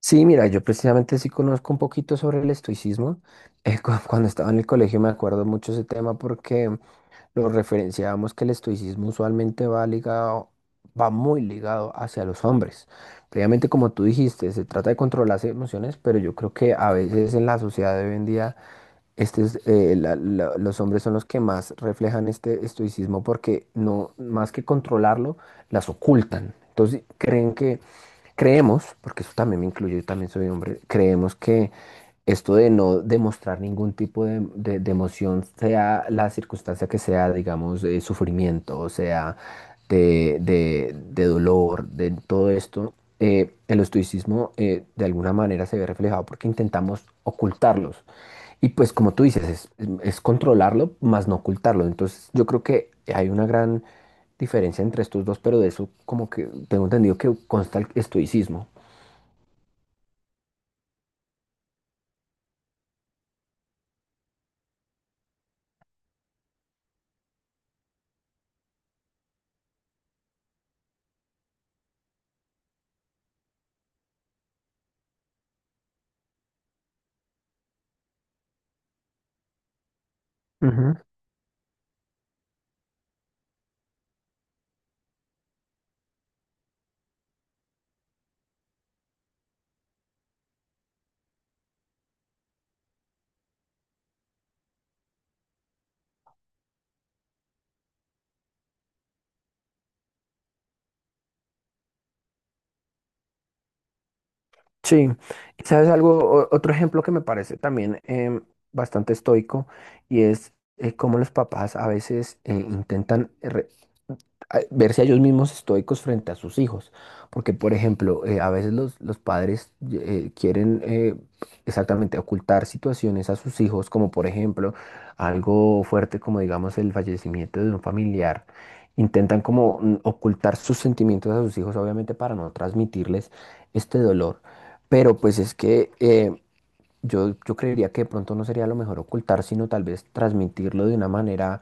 Sí, mira, yo precisamente sí conozco un poquito sobre el estoicismo. Cuando estaba en el colegio me acuerdo mucho ese tema porque lo referenciábamos que el estoicismo usualmente va muy ligado hacia los hombres. Previamente, como tú dijiste, se trata de controlar las emociones, pero yo creo que a veces en la sociedad de hoy en día los hombres son los que más reflejan este estoicismo porque no, más que controlarlo, las ocultan. Entonces creemos, porque eso también me incluye, yo también soy hombre, creemos que esto de no demostrar ningún tipo de, de emoción, sea la circunstancia que sea, digamos, sufrimiento, o sea, de, de dolor, de todo esto, el estoicismo de alguna manera se ve reflejado porque intentamos ocultarlos. Y pues como tú dices, es controlarlo, más no ocultarlo. Entonces yo creo que hay una gran diferencia entre estos dos, pero de eso como que tengo entendido que consta el estoicismo. Sí, y sabes algo, otro ejemplo que me parece también bastante estoico y es cómo los papás a veces intentan verse a ellos mismos estoicos frente a sus hijos, porque por ejemplo, a veces los padres quieren exactamente ocultar situaciones a sus hijos, como por ejemplo algo fuerte como digamos el fallecimiento de un familiar, intentan como ocultar sus sentimientos a sus hijos, obviamente para no transmitirles este dolor. Pero pues es que yo creería que de pronto no sería lo mejor ocultar, sino tal vez transmitirlo de una manera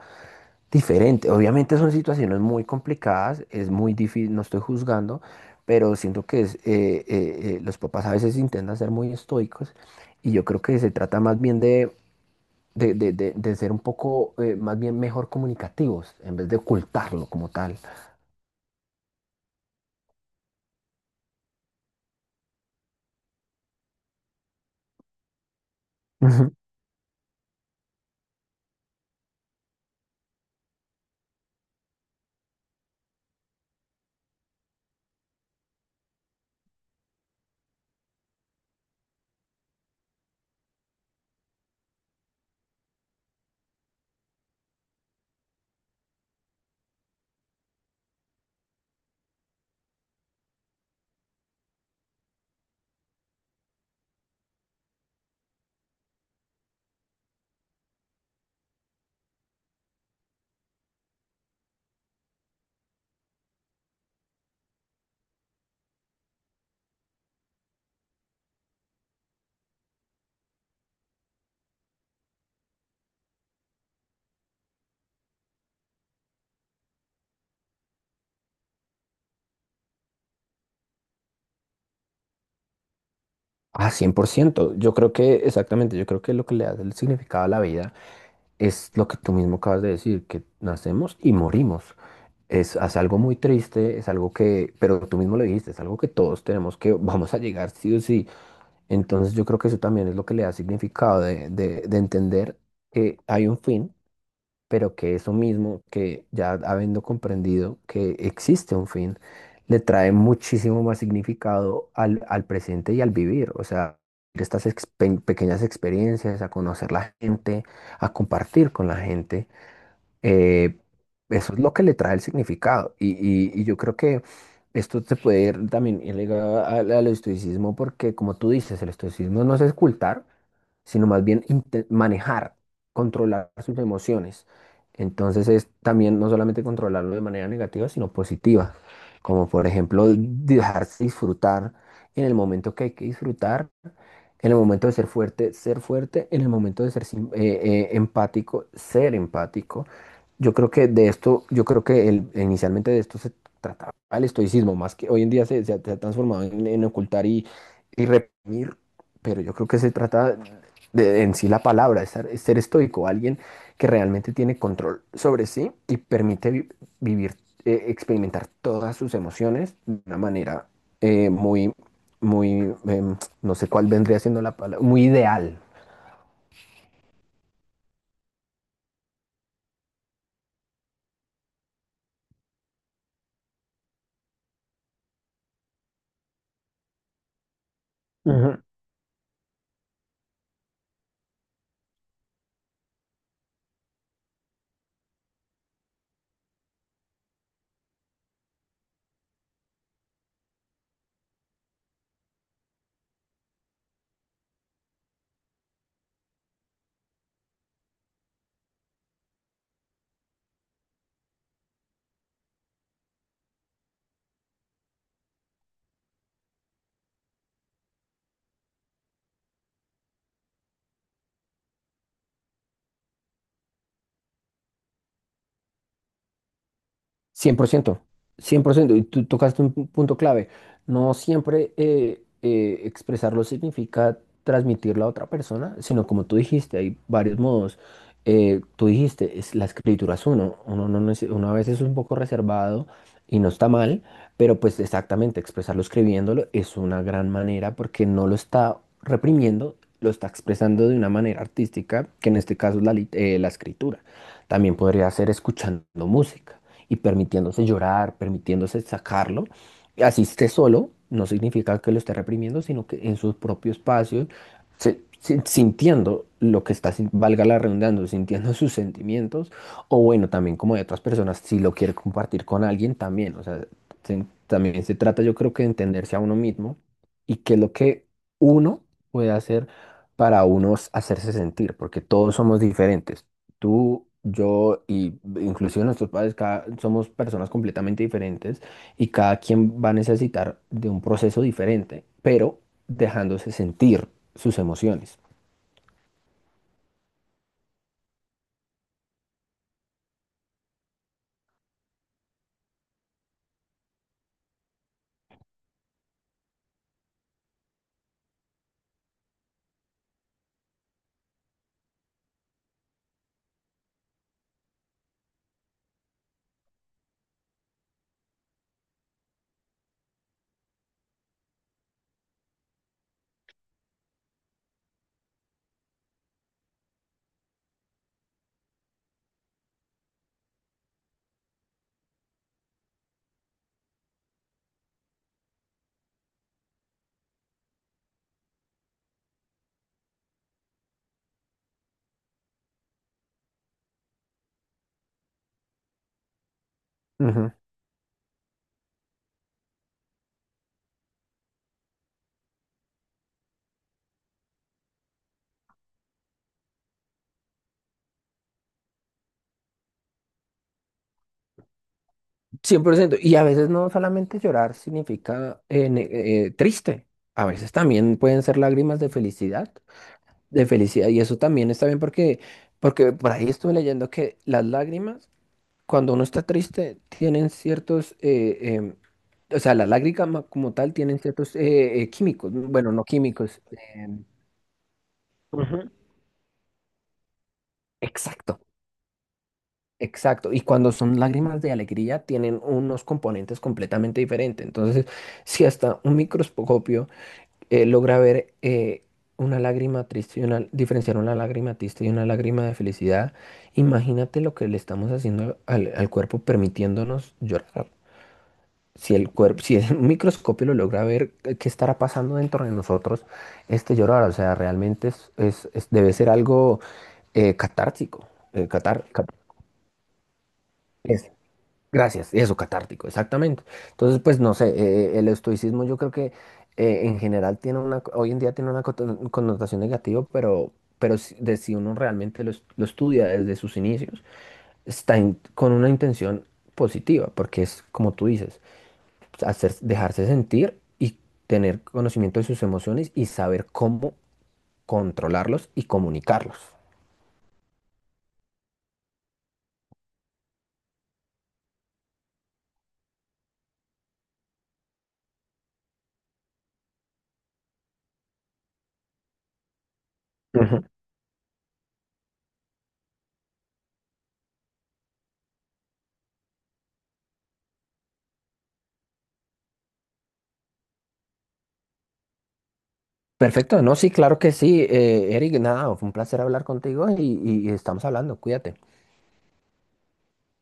diferente. Obviamente son situaciones muy complicadas, es muy difícil, no estoy juzgando, pero siento que los papás a veces intentan ser muy estoicos y yo creo que se trata más bien de ser un poco más bien mejor comunicativos en vez de ocultarlo como tal. Ujú. Ah, 100%. Yo creo que, exactamente, yo creo que lo que le da el significado a la vida es lo que tú mismo acabas de decir, que nacemos y morimos. Es algo muy triste, es algo que, pero tú mismo lo dijiste, es algo que todos tenemos que, vamos a llegar sí o sí. Entonces yo creo que eso también es lo que le da significado de, de entender que hay un fin pero que eso mismo, que ya habiendo comprendido que existe un fin, le trae muchísimo más significado al presente y al vivir, o sea, estas pequeñas experiencias, a conocer la gente, a compartir con la gente, eh, eso es lo que le trae el significado. Y yo creo que esto se puede ir también ir ligado al estoicismo, porque como tú dices, el estoicismo no es ocultar, sino más bien manejar, controlar sus emociones. Entonces es también no solamente controlarlo de manera negativa, sino positiva, como por ejemplo dejarse disfrutar en el momento que hay que disfrutar, en el momento de ser fuerte, en el momento de ser empático, ser empático. Yo creo que de esto, yo creo que el, inicialmente de esto se trataba el estoicismo, más que hoy en día se ha transformado en ocultar y reprimir, pero yo creo que se trata en sí la palabra, ser estoico, alguien que realmente tiene control sobre sí y permite vivir, experimentar todas sus emociones de una manera muy, muy, no sé cuál vendría siendo la palabra, muy ideal. Cien por ciento, 100% y tú tocaste un punto clave. No siempre expresarlo significa transmitirlo a otra persona, sino como tú dijiste, hay varios modos. Tú dijiste, la escritura es uno, no, uno a veces es un poco reservado y no está mal, pero pues exactamente, expresarlo escribiéndolo es una gran manera porque no lo está reprimiendo, lo está expresando de una manera artística, que en este caso es la escritura. También podría ser escuchando música y permitiéndose llorar, permitiéndose sacarlo. Y así esté solo, no significa que lo esté reprimiendo, sino que en su propio espacio, sintiendo lo que está, valga la redundancia, sintiendo sus sentimientos, o bueno, también como de otras personas, si lo quiere compartir con alguien, también, o sea, también se trata, yo creo que de entenderse a uno mismo y qué es lo que uno puede hacer para unos hacerse sentir, porque todos somos diferentes. Tú, yo y inclusive nuestros padres somos personas completamente diferentes y cada quien va a necesitar de un proceso diferente, pero dejándose sentir sus emociones. Ujú. 100%. Y a veces no solamente llorar significa triste, a veces también pueden ser lágrimas de felicidad, de felicidad. Y eso también está bien porque, por ahí estuve leyendo que las lágrimas cuando uno está triste, tienen ciertos, o sea, la lágrima como tal tienen ciertos químicos, ¿no? Bueno, no químicos. em, Ujú. Exacto, exacto. Y cuando son lágrimas de alegría, tienen unos componentes completamente diferentes. Entonces, si hasta un microscopio logra ver una lágrima triste y diferenciar una lágrima triste y una lágrima de felicidad, imagínate lo que le estamos haciendo al cuerpo permitiéndonos llorar. Si el microscopio lo logra ver qué estará pasando dentro de nosotros, este llorar, o sea, realmente debe ser algo catártico. Es- Gracias, eso, catártico, exactamente. Entonces, pues no sé, el estoicismo yo creo que en general tiene hoy en día tiene una connotación negativa, pero si uno realmente lo estudia desde sus inicios, está con una intención positiva, porque es como tú dices dejarse sentir y tener conocimiento de sus emociones y saber cómo controlarlos y comunicarlos. Ujú. Perfecto, no, sí, claro que sí. Eric, nada, fue un placer hablar contigo y estamos hablando, cuídate.